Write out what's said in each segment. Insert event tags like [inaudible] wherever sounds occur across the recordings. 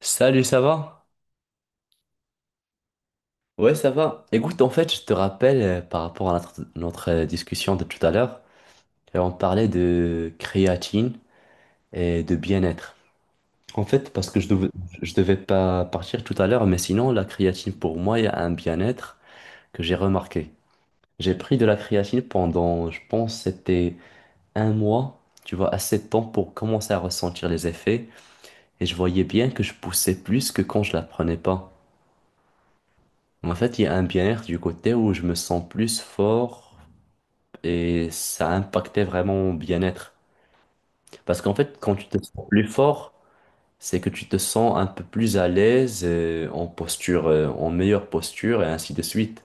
Salut, ça va? Ouais, ça va. Écoute, en fait, je te rappelle par rapport à notre discussion de tout à l'heure, on parlait de créatine et de bien-être. En fait, parce que je devais pas partir tout à l'heure, mais sinon, la créatine, pour moi, il y a un bien-être que j'ai remarqué. J'ai pris de la créatine pendant, je pense, c'était 1 mois, tu vois, assez de temps pour commencer à ressentir les effets, et je voyais bien que je poussais plus que quand je la prenais pas. En fait, il y a un bien-être du côté où je me sens plus fort et ça a impacté vraiment mon bien-être. Parce qu'en fait, quand tu te sens plus fort, c'est que tu te sens un peu plus à l'aise en posture, en meilleure posture et ainsi de suite.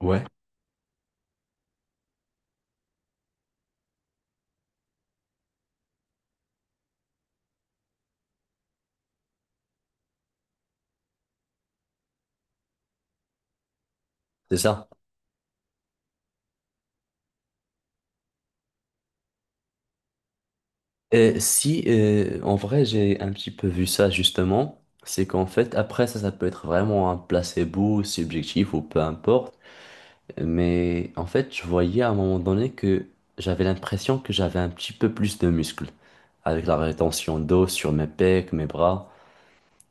Ouais, c'est ça. Et si, en vrai, j'ai un petit peu vu ça justement, c'est qu'en fait, après ça, ça peut être vraiment un placebo subjectif ou peu importe. Mais en fait, je voyais à un moment donné que j'avais l'impression que j'avais un petit peu plus de muscles, avec la rétention d'eau sur mes pecs, mes bras.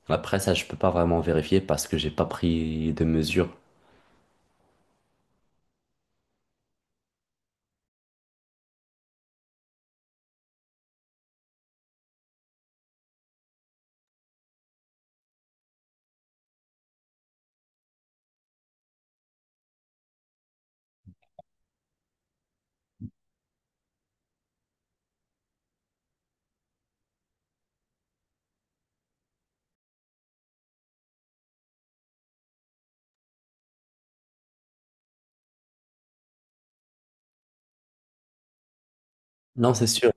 Après ça, je peux pas vraiment vérifier parce que j'ai pas pris de mesures. Non, c'est sûr.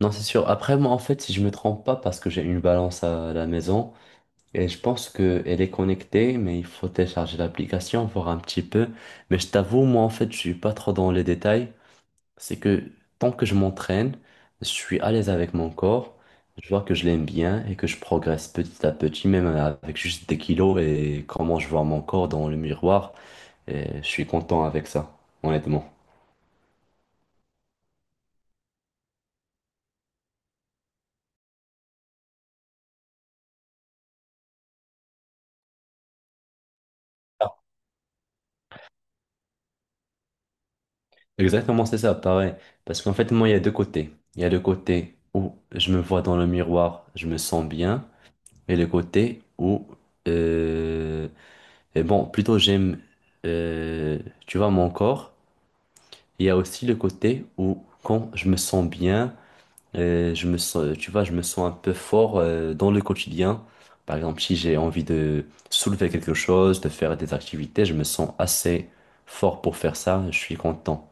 Non, c'est sûr. Après, moi, en fait, si je me trompe pas, parce que j'ai une balance à la maison et je pense que elle est connectée, mais il faut télécharger l'application, voir un petit peu. Mais je t'avoue, moi, en fait, je suis pas trop dans les détails. C'est que tant que je m'entraîne, je suis à l'aise avec mon corps, je vois que je l'aime bien et que je progresse petit à petit, même avec juste des kilos et comment je vois mon corps dans le miroir, et je suis content avec ça, honnêtement. Ah. Exactement, c'est ça, pareil. Parce qu'en fait, moi, il y a deux côtés. Il y a le côté où je me vois dans le miroir, je me sens bien, et le côté où, euh, et bon, plutôt j'aime, euh, tu vois, mon corps. Il y a aussi le côté où quand je me sens bien, je me sens, tu vois, je me sens un peu fort dans le quotidien. Par exemple, si j'ai envie de soulever quelque chose, de faire des activités, je me sens assez fort pour faire ça, je suis content.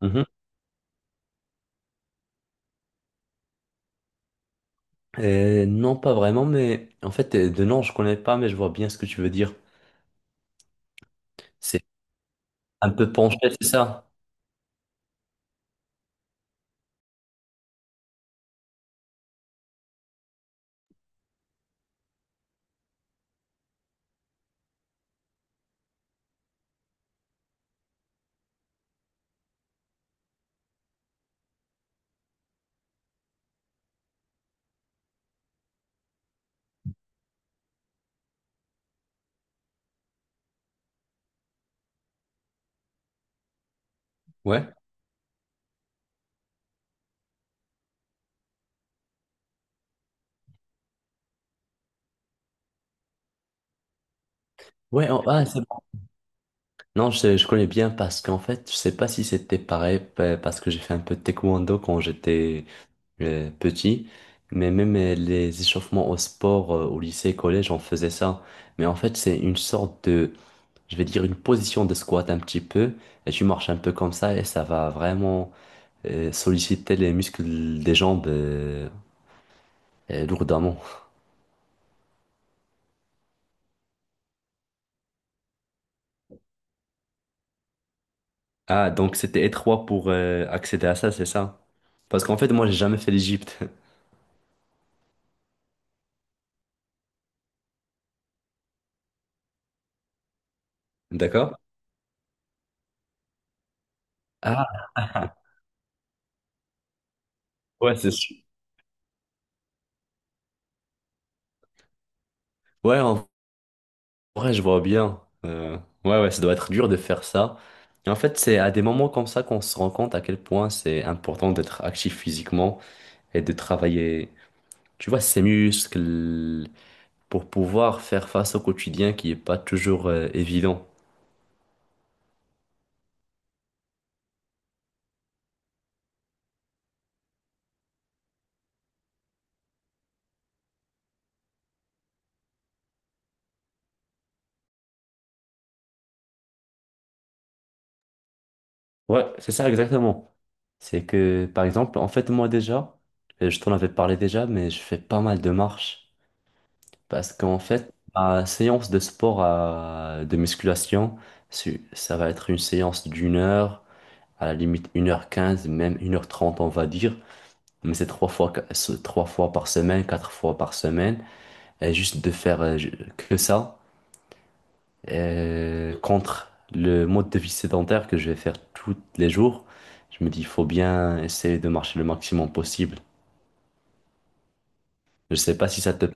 Mhm. Non, pas vraiment, mais en fait, de nom, je connais pas, mais je vois bien ce que tu veux dire. C'est un peu penché, c'est ça? Ouais. Ouais, oh, ah, c'est bon. Non, je connais bien parce qu'en fait, je sais pas si c'était parce que j'ai fait un peu de taekwondo quand j'étais petit, mais même les échauffements au sport au lycée, collège, on faisait ça. Mais en fait, c'est une sorte de, je vais dire, une position de squat un petit peu, et tu marches un peu comme ça, et ça va vraiment solliciter les muscles des jambes lourdement. Ah, donc c'était étroit pour accéder à ça, c'est ça? Parce qu'en fait, moi, j'ai jamais fait l'Égypte. [laughs] D'accord? Ah, ouais, c'est sûr. Ouais, en Ouais, je vois bien. Ouais, ouais, ça doit être dur de faire ça. Et en fait, c'est à des moments comme ça qu'on se rend compte à quel point c'est important d'être actif physiquement et de travailler, tu vois, ses muscles pour pouvoir faire face au quotidien qui est pas toujours évident. Ouais, c'est ça exactement. C'est que, par exemple, en fait, moi déjà, je t'en avais parlé déjà, mais je fais pas mal de marches. Parce qu'en fait, ma séance de sport de musculation, ça va être une séance d'1 heure, à la limite 1 heure 15, même 1 heure 30 on va dire, mais c'est c'est trois fois par semaine, quatre fois par semaine, et juste de faire que ça, contre le mode de vie sédentaire que je vais faire tous les jours, je me dis, il faut bien essayer de marcher le maximum possible. Je sais pas si ça te...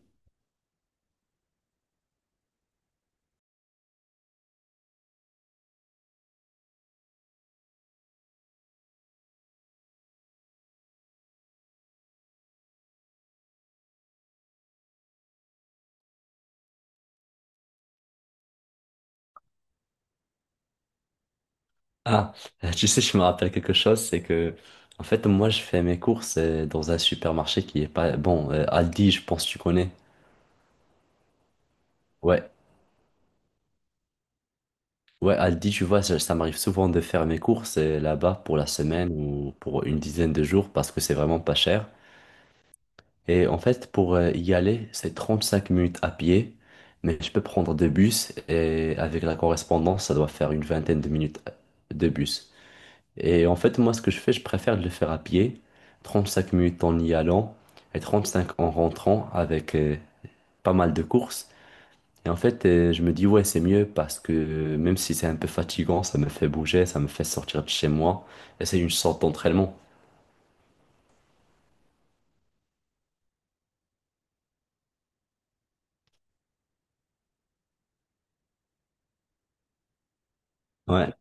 Ah, [laughs] tu sais, je me rappelle quelque chose, c'est que, en fait, moi, je fais mes courses dans un supermarché qui est pas... Bon, Aldi, je pense que tu connais. Ouais. Ouais, Aldi, tu vois, ça m'arrive souvent de faire mes courses là-bas pour la semaine ou pour une dizaine de jours parce que c'est vraiment pas cher. Et en fait, pour y aller, c'est 35 minutes à pied, mais je peux prendre deux bus et avec la correspondance, ça doit faire une vingtaine de minutes de bus. Et en fait, moi, ce que je fais, je préfère le faire à pied, 35 minutes en y allant et 35 en rentrant avec pas mal de courses. Et en fait, je me dis, ouais, c'est mieux parce que même si c'est un peu fatigant, ça me fait bouger, ça me fait sortir de chez moi. Et c'est une sorte d'entraînement. Ouais.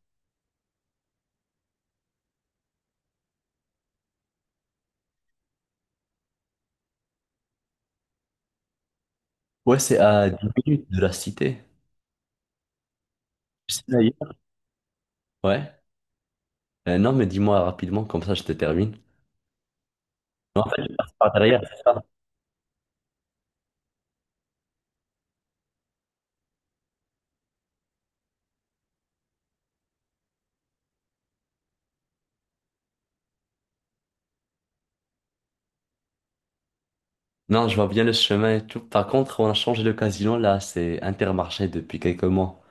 Ouais, c'est à 10 minutes de la cité. C'est d'ailleurs. Ouais. Non, mais dis-moi rapidement, comme ça je te termine. Non, en fait, je passe par derrière, c'est ça. Non, je vois bien le chemin et tout. Par contre, on a changé de casino là, c'est Intermarché depuis quelques mois.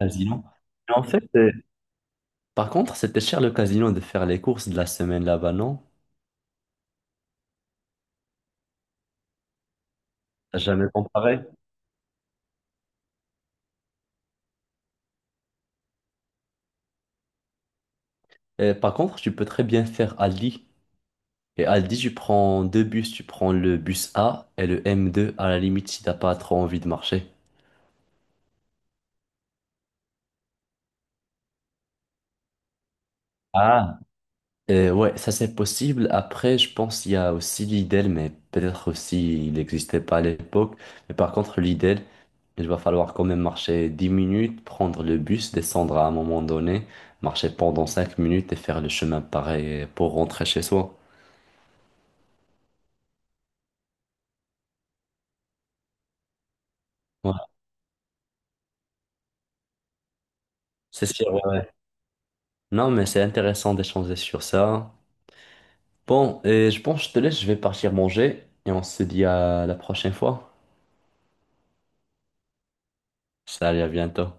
Casino. Mais en fait, par contre, c'était cher le casino de faire les courses de la semaine là-bas, non? T'as jamais comparé. Et par contre, tu peux très bien faire Ali. Et à Aldi, tu prends deux bus, tu prends le bus A et le M2 à la limite si t'as pas trop envie de marcher. Ah, ouais, ça c'est possible. Après, je pense qu'il y a aussi Lidl, mais peut-être aussi il n'existait pas à l'époque. Mais par contre, Lidl, il va falloir quand même marcher 10 minutes, prendre le bus, descendre à un moment donné, marcher pendant 5 minutes et faire le chemin pareil pour rentrer chez soi. Ouais, c'est sûr, ouais, ouais. Non, mais c'est intéressant d'échanger sur ça. Bon, et je pense que je te laisse, je vais partir manger et on se dit à la prochaine fois. Salut, à bientôt.